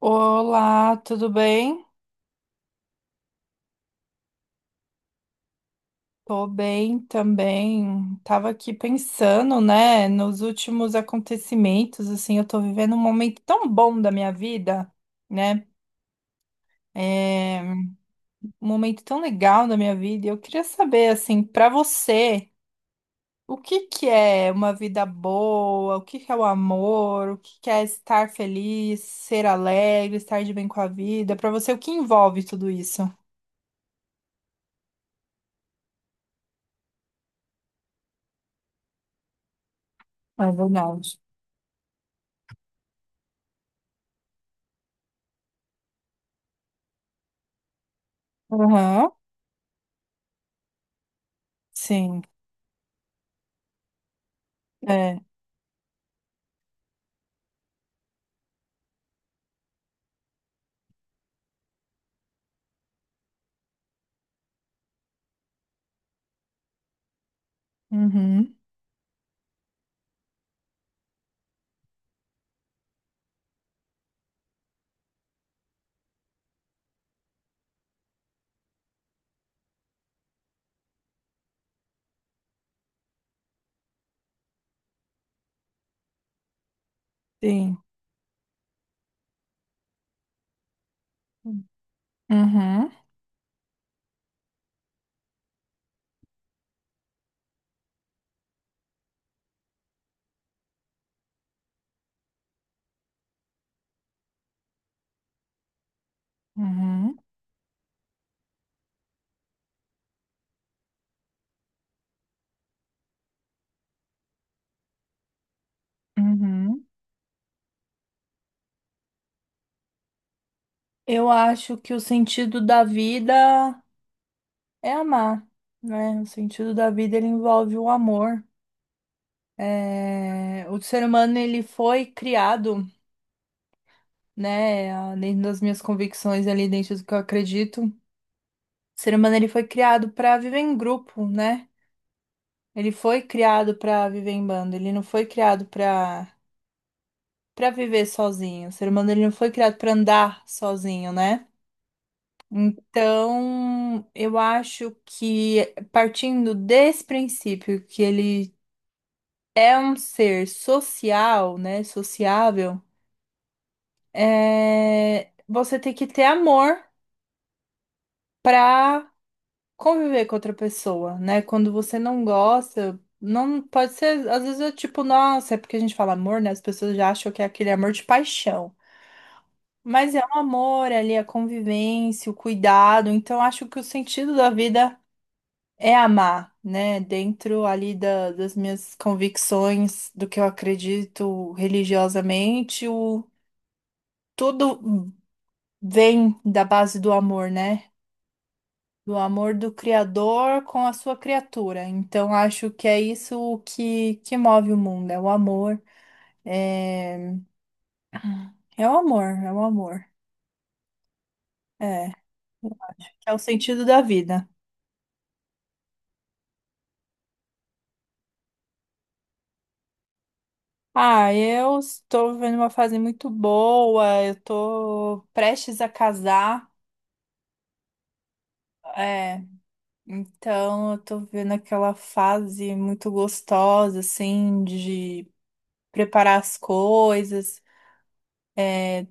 Olá, tudo bem? Tô bem também. Tava aqui pensando, né, nos últimos acontecimentos, assim, eu tô vivendo um momento tão bom da minha vida, né? É um momento tão legal da minha vida. E eu queria saber, assim, pra você, o que que é uma vida boa? O que que é o amor? O que que é estar feliz, ser alegre, estar de bem com a vida? Pra você, o que envolve tudo isso? É verdade. Aham, sim. É. Uhum. Sim. Uhum. Uhum. Uhum. Eu acho que o sentido da vida é amar, né? O sentido da vida ele envolve o amor. É, o ser humano ele foi criado, né? Dentro das minhas convicções ali, dentro do que eu acredito, o ser humano ele foi criado para viver em grupo, né? Ele foi criado para viver em bando. Ele não foi criado para para viver sozinho. O ser humano ele não foi criado para andar sozinho, né? Então, eu acho que partindo desse princípio que ele é um ser social, né, sociável, você tem que ter amor para conviver com outra pessoa, né? Quando você não gosta, não pode ser, às vezes é tipo, nossa, é porque a gente fala amor, né? As pessoas já acham que é aquele amor de paixão. Mas é um amor ali, a convivência, o cuidado. Então, acho que o sentido da vida é amar, né? Dentro ali das minhas convicções, do que eu acredito religiosamente, tudo vem da base do amor, né? Do amor do Criador com a sua criatura. Então, acho que é isso que move o mundo, é o amor. É, é o amor, é o amor. É, é o sentido da vida. Ah, eu estou vivendo uma fase muito boa, eu estou prestes a casar. É. Então, eu tô vendo aquela fase muito gostosa, assim, de preparar as coisas. É,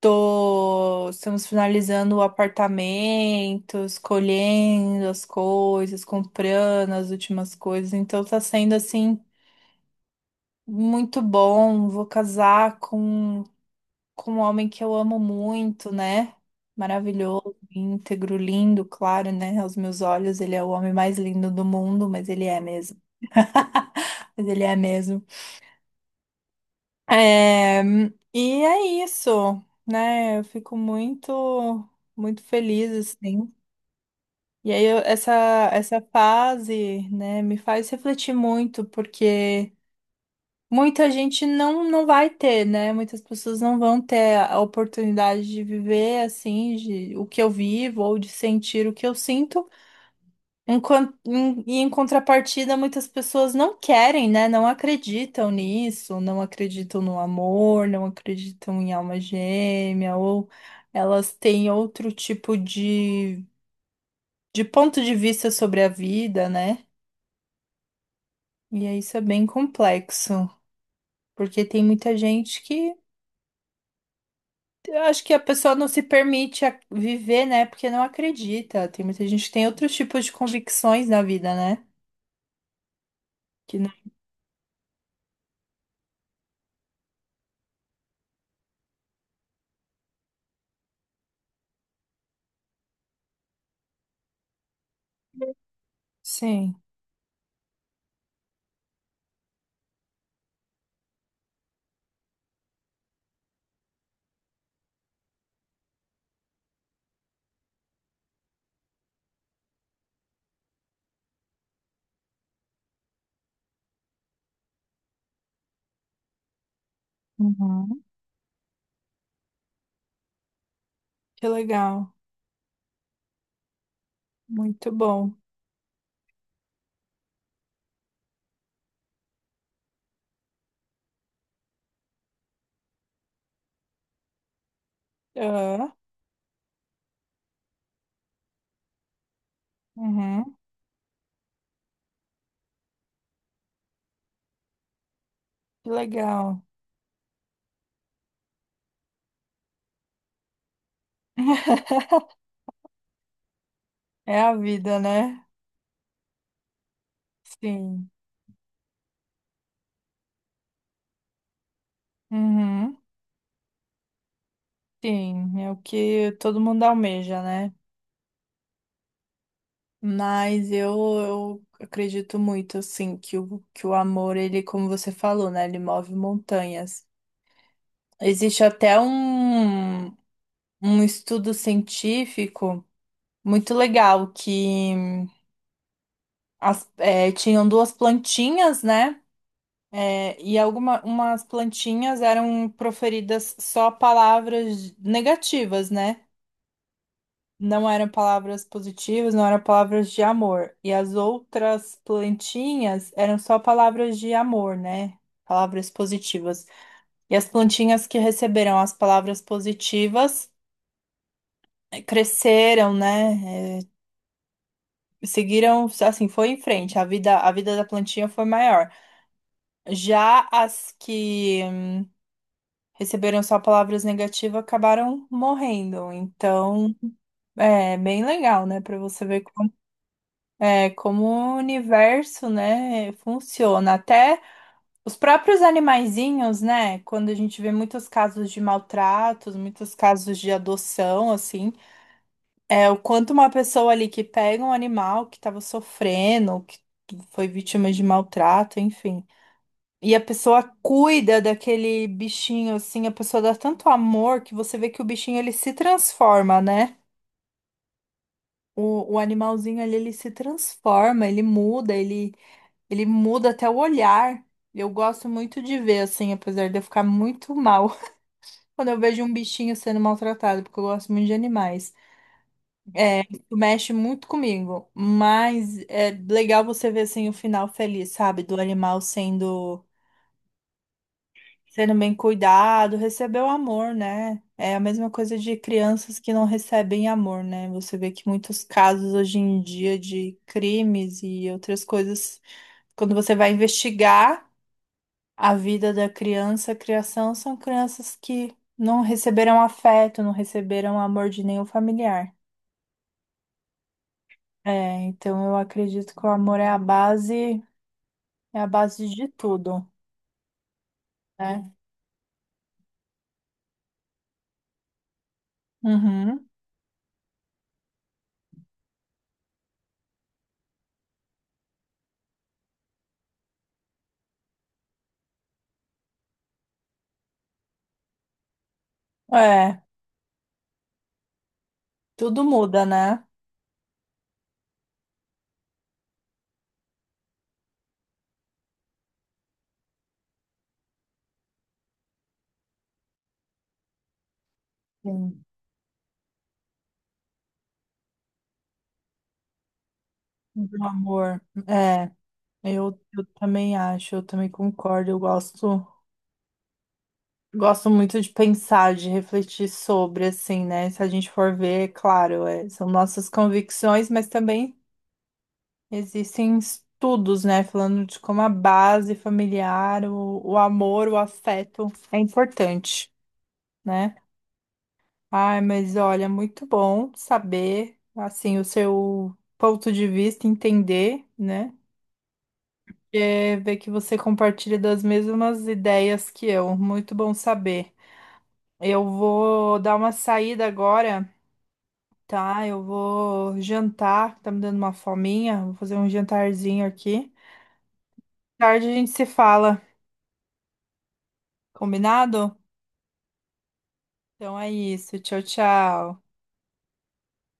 Estamos finalizando o apartamento, escolhendo as coisas, comprando as últimas coisas. Então, tá sendo, assim, muito bom. Vou casar com um homem que eu amo muito, né? Maravilhoso, íntegro, lindo, claro, né? Aos meus olhos, ele é o homem mais lindo do mundo, mas ele é mesmo. Mas ele é mesmo. É, e é isso, né? Eu fico muito, muito feliz, assim. E aí, essa, essa fase, né, me faz refletir muito, porque muita gente não, não vai ter, né? Muitas pessoas não vão ter a oportunidade de viver, assim, o que eu vivo, ou de sentir o que eu sinto. E em contrapartida, muitas pessoas não querem, né? Não acreditam nisso, não acreditam no amor, não acreditam em alma gêmea, ou elas têm outro tipo de ponto de vista sobre a vida, né? E aí isso é bem complexo, porque tem muita gente que eu acho que a pessoa não se permite viver, né? Porque não acredita. Tem muita gente que tem outros tipos de convicções na vida, né? Que não. Sim. Uhum. Que legal. Muito bom. Ah, uhum. Que legal. É a vida, né? Sim. Uhum. Sim, é o que todo mundo almeja, né? Mas eu acredito muito, assim, que o amor, ele, como você falou, né? Ele move montanhas. Existe até um, um estudo científico muito legal que tinham duas plantinhas, né? E algumas umas plantinhas eram proferidas só palavras negativas, né? Não eram palavras positivas, não eram palavras de amor. E as outras plantinhas eram só palavras de amor, né? Palavras positivas. E as plantinhas que receberam as palavras positivas cresceram, né? Seguiram, assim, foi em frente. A vida da plantinha foi maior. Já as que receberam só palavras negativas, acabaram morrendo. Então, é bem legal, né, para você ver como o universo, né, funciona. Até os próprios animaizinhos, né, quando a gente vê muitos casos de maltratos, muitos casos de adoção, assim, é o quanto uma pessoa ali que pega um animal que estava sofrendo, que foi vítima de maltrato, enfim. E a pessoa cuida daquele bichinho, assim, a pessoa dá tanto amor que você vê que o bichinho ele se transforma, né? O animalzinho ali, ele se transforma, ele muda, ele muda até o olhar. Eu gosto muito de ver, assim, apesar de eu ficar muito mal quando eu vejo um bichinho sendo maltratado, porque eu gosto muito de animais. É, isso mexe muito comigo, mas é legal você ver, assim, o final feliz, sabe? Do animal sendo sendo bem cuidado, recebeu amor, né? É a mesma coisa de crianças que não recebem amor, né? Você vê que muitos casos hoje em dia de crimes e outras coisas, quando você vai investigar a vida da criança, a criação, são crianças que não receberam afeto, não receberam amor de nenhum familiar. É, então eu acredito que o amor é a base de tudo, né? Uhum. É, tudo muda, né? Sim. Do amor. É, eu também acho, eu também concordo. Eu gosto, gosto muito de pensar, de refletir sobre, assim, né? Se a gente for ver, é claro, são nossas convicções, mas também existem estudos, né? Falando de como a base familiar, o amor, o afeto é importante, né? Ai, mas olha, muito bom saber, assim, o seu ponto de vista, entender, né? É, ver que você compartilha das mesmas ideias que eu. Muito bom saber. Eu vou dar uma saída agora, tá? Eu vou jantar, tá me dando uma fominha. Vou fazer um jantarzinho aqui. Tarde a gente se fala, combinado? Então é isso. Tchau, tchau.